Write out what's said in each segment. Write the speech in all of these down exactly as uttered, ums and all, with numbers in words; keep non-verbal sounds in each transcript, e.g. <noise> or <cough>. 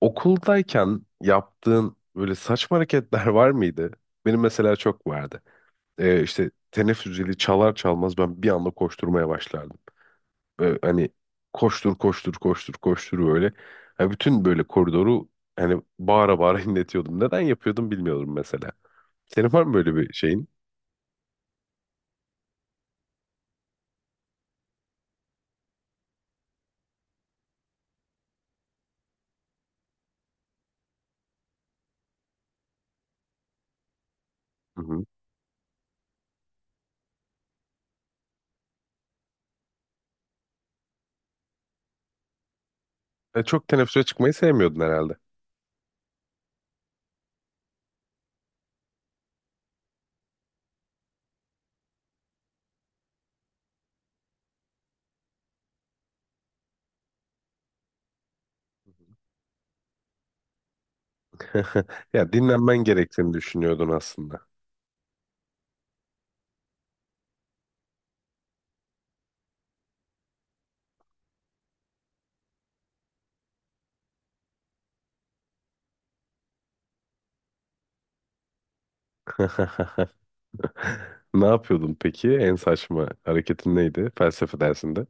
Okuldayken yaptığın böyle saçma hareketler <laughs> var mıydı? Benim mesela çok vardı. Ee, işte teneffüs zili çalar çalmaz ben bir anda koşturmaya başlardım. Ee, hani koştur koştur koştur koştur böyle. Yani bütün böyle koridoru hani bağıra bağıra <laughs> inletiyordum. Neden yapıyordum bilmiyorum mesela. Senin var mı böyle bir şeyin? Hı hı. E, çok teneffüse çıkmayı sevmiyordun herhalde. Hı hı. <laughs> Ya dinlenmen gerektiğini düşünüyordun aslında. <laughs> Ne yapıyordun peki? En saçma hareketin neydi felsefe dersinde?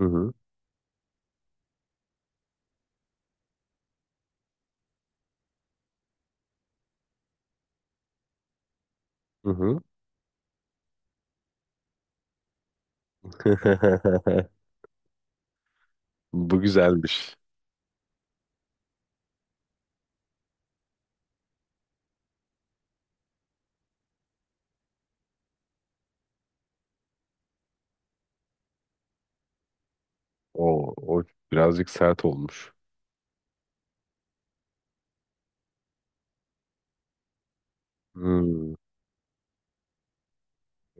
Hı hı. Hı hı. <laughs> Bu güzelmiş. O, o birazcık sert olmuş. Hmm.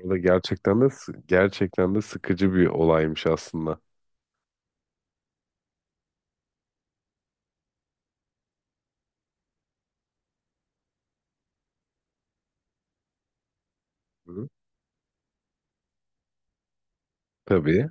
O da gerçekten de sı- gerçekten de sıkıcı bir olaymış aslında. Hı. Tabii.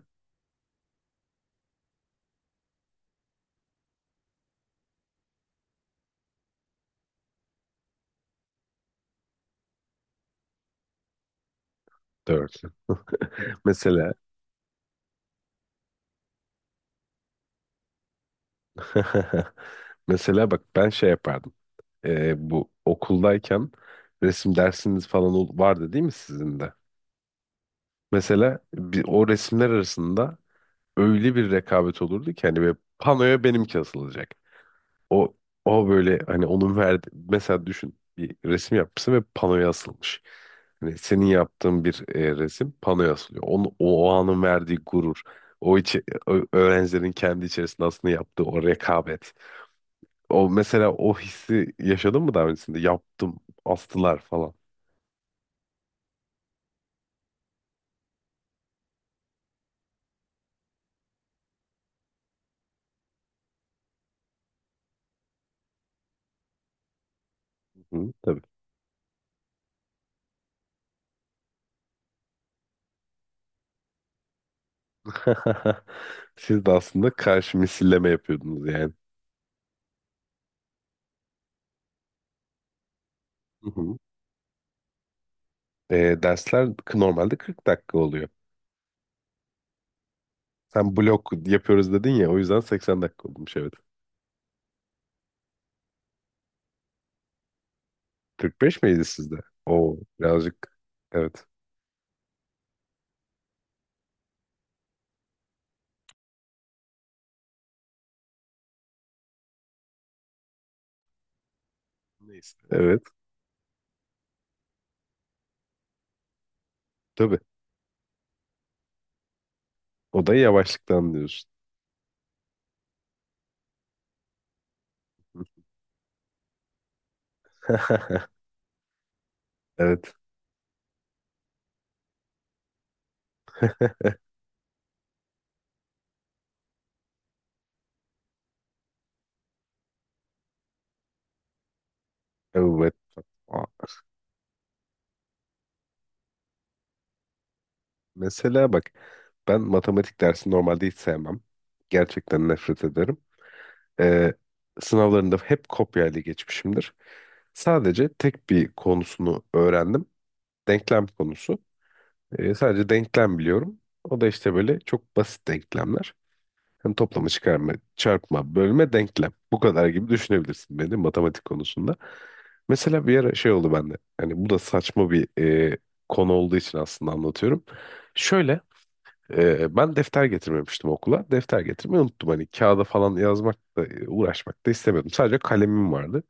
Dört. <laughs> Mesela <laughs> mesela bak ben şey yapardım. Ee, bu okuldayken resim dersiniz falan ol- vardı değil mi sizin de? Mesela bir, o resimler arasında öyle bir rekabet olurdu ki hani böyle panoya benimki asılacak. O o böyle hani onun verdi mesela düşün bir resim yapmışsın ve panoya asılmış. Hani senin yaptığın bir e, resim panoya asılıyor. Onun, o, o anın verdiği gurur. O içi, ö- öğrencilerin kendi içerisinde aslında yaptığı o rekabet. O mesela o hissi yaşadın mı daha öncesinde? Yaptım, astılar falan. Hı, tabii. <laughs> Siz de aslında karşı misilleme yapıyordunuz yani. Hı hı. Ee, dersler k- normalde kırk dakika oluyor. Sen blok yapıyoruz dedin ya o yüzden seksen dakika olmuş evet. kırk beş miydi sizde? Oo birazcık evet. Neyse. Evet tabii. O da yavaşlıktan diyorsun. <laughs> Evet. <laughs> Evet. Aa, mesela bak ben matematik dersini normalde hiç sevmem. Gerçekten nefret ederim. Ee, Sınavlarında hep kopyayla geçmişimdir. Sadece tek bir konusunu öğrendim. Denklem konusu. E, sadece denklem biliyorum. O da işte böyle çok basit denklemler. Hani toplama, çıkarma, çarpma, bölme, denklem. Bu kadar gibi düşünebilirsin beni matematik konusunda. Mesela bir ara şey oldu bende. Hani bu da saçma bir e, konu olduğu için aslında anlatıyorum. Şöyle e, ben defter getirmemiştim okula. Defter getirmeyi unuttum. Hani kağıda falan yazmak da e, uğraşmak da istemiyordum. Sadece kalemim vardı.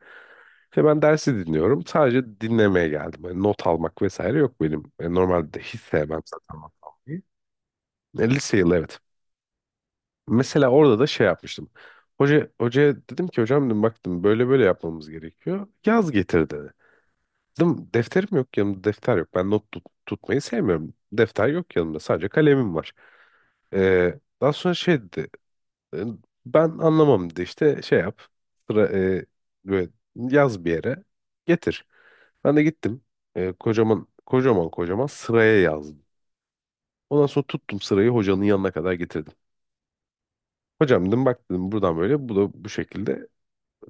İşte ben dersi dinliyorum. Sadece dinlemeye geldim. Hani not almak vesaire yok benim. E, normalde de hiç sevmem zaten not almayı. E, lise yılı evet. Mesela orada da şey yapmıştım. Hoca, hocaya dedim ki hocam dedim baktım böyle böyle yapmamız gerekiyor. Yaz getir dedi. Dedim defterim yok yanımda defter yok. Ben not tut- tutmayı sevmiyorum. Defter yok yanımda sadece kalemim var. Ee, daha sonra şey dedi. "E, ben anlamam dedi işte şey yap. Sıra, e, Böyle yaz bir yere getir. Ben de gittim. E, kocaman kocaman kocaman sıraya yazdım. Ondan sonra tuttum sırayı hocanın yanına kadar getirdim. Hocam dedim bak dedim buradan böyle bu da bu şekilde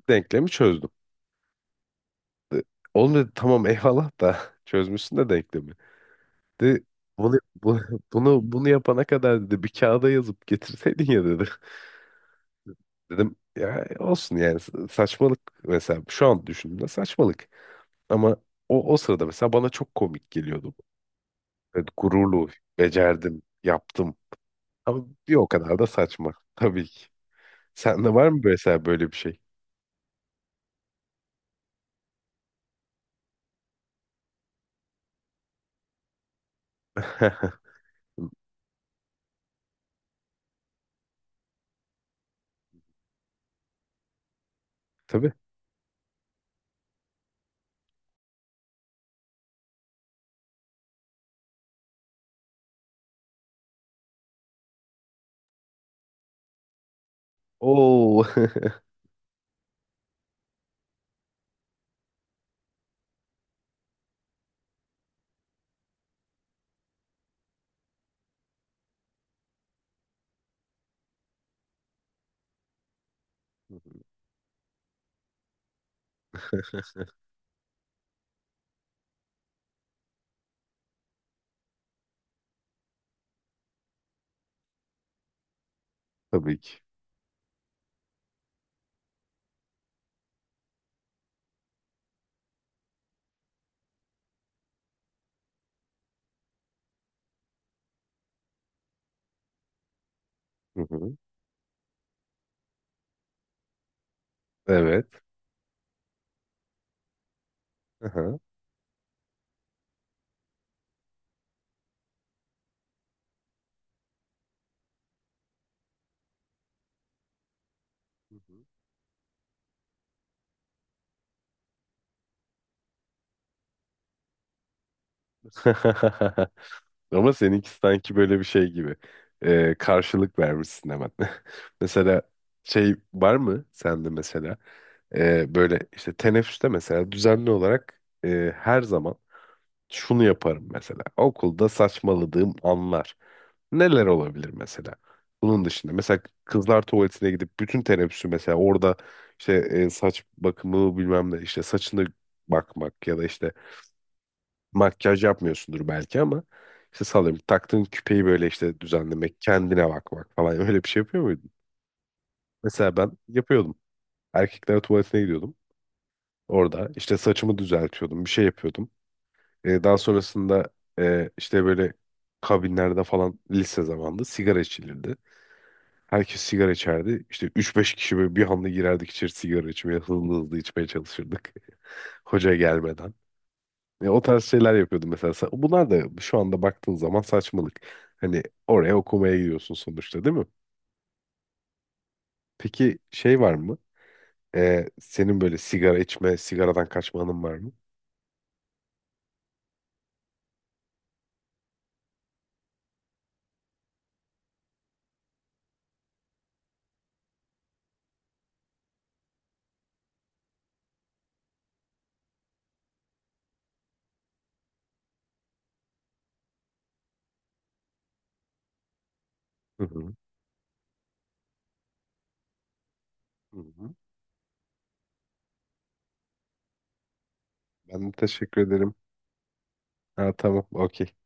denklemi çözdüm. De, Oğlum dedi tamam eyvallah da <laughs> çözmüşsün de denklemi. Dedi bunu, bu- bunu, bunu yapana kadar dedi bir kağıda yazıp getirseydin ya dedi. <laughs> Dedim ya olsun yani sa- saçmalık mesela şu an düşündüğümde saçmalık. Ama o, o sırada mesela bana çok komik geliyordu. Evet, gururlu, becerdim, yaptım. Ama bir o kadar da saçma tabii ki. Sende var mı mesela böyle bir şey? <laughs> Tabii. Oo. <laughs> Hı hı. <laughs> Tabii ki. Hı hı. Evet. Hı hı. <laughs> Ama seninki sanki böyle bir şey gibi. Ee, karşılık vermişsin hemen. <laughs> Mesela şey var mı sende mesela Ee, böyle işte teneffüste mesela düzenli olarak e, her zaman şunu yaparım mesela. Okulda saçmaladığım anlar. Neler olabilir mesela? Bunun dışında mesela kızlar tuvaletine gidip bütün teneffüsü mesela orada işte e, saç bakımı bilmem ne işte saçını bakmak ya da işte makyaj yapmıyorsundur belki ama işte sallıyorum taktığın küpeyi böyle işte düzenlemek, kendine bakmak falan <laughs> öyle bir şey yapıyor muydun? Mesela ben yapıyordum. Erkekler tuvaletine gidiyordum. Orada işte saçımı düzeltiyordum, bir şey yapıyordum. E, daha sonrasında e, işte böyle kabinlerde falan lise zamanında sigara içilirdi. Herkes sigara içerdi. İşte üç beş kişi böyle bir anda girerdik içeri sigara içmeye. Hızlı hızlı içmeye çalışırdık. <laughs> Hoca gelmeden. E, o tarz şeyler yapıyordum mesela. Sa- Bunlar da şu anda baktığın zaman saçmalık. Hani oraya okumaya gidiyorsun sonuçta değil mi? Peki şey var mı? Ee, senin böyle sigara içme, sigaradan kaçma anın var mı? Hı hı. Hı hı. Ben de teşekkür ederim. Ha, tamam, okey.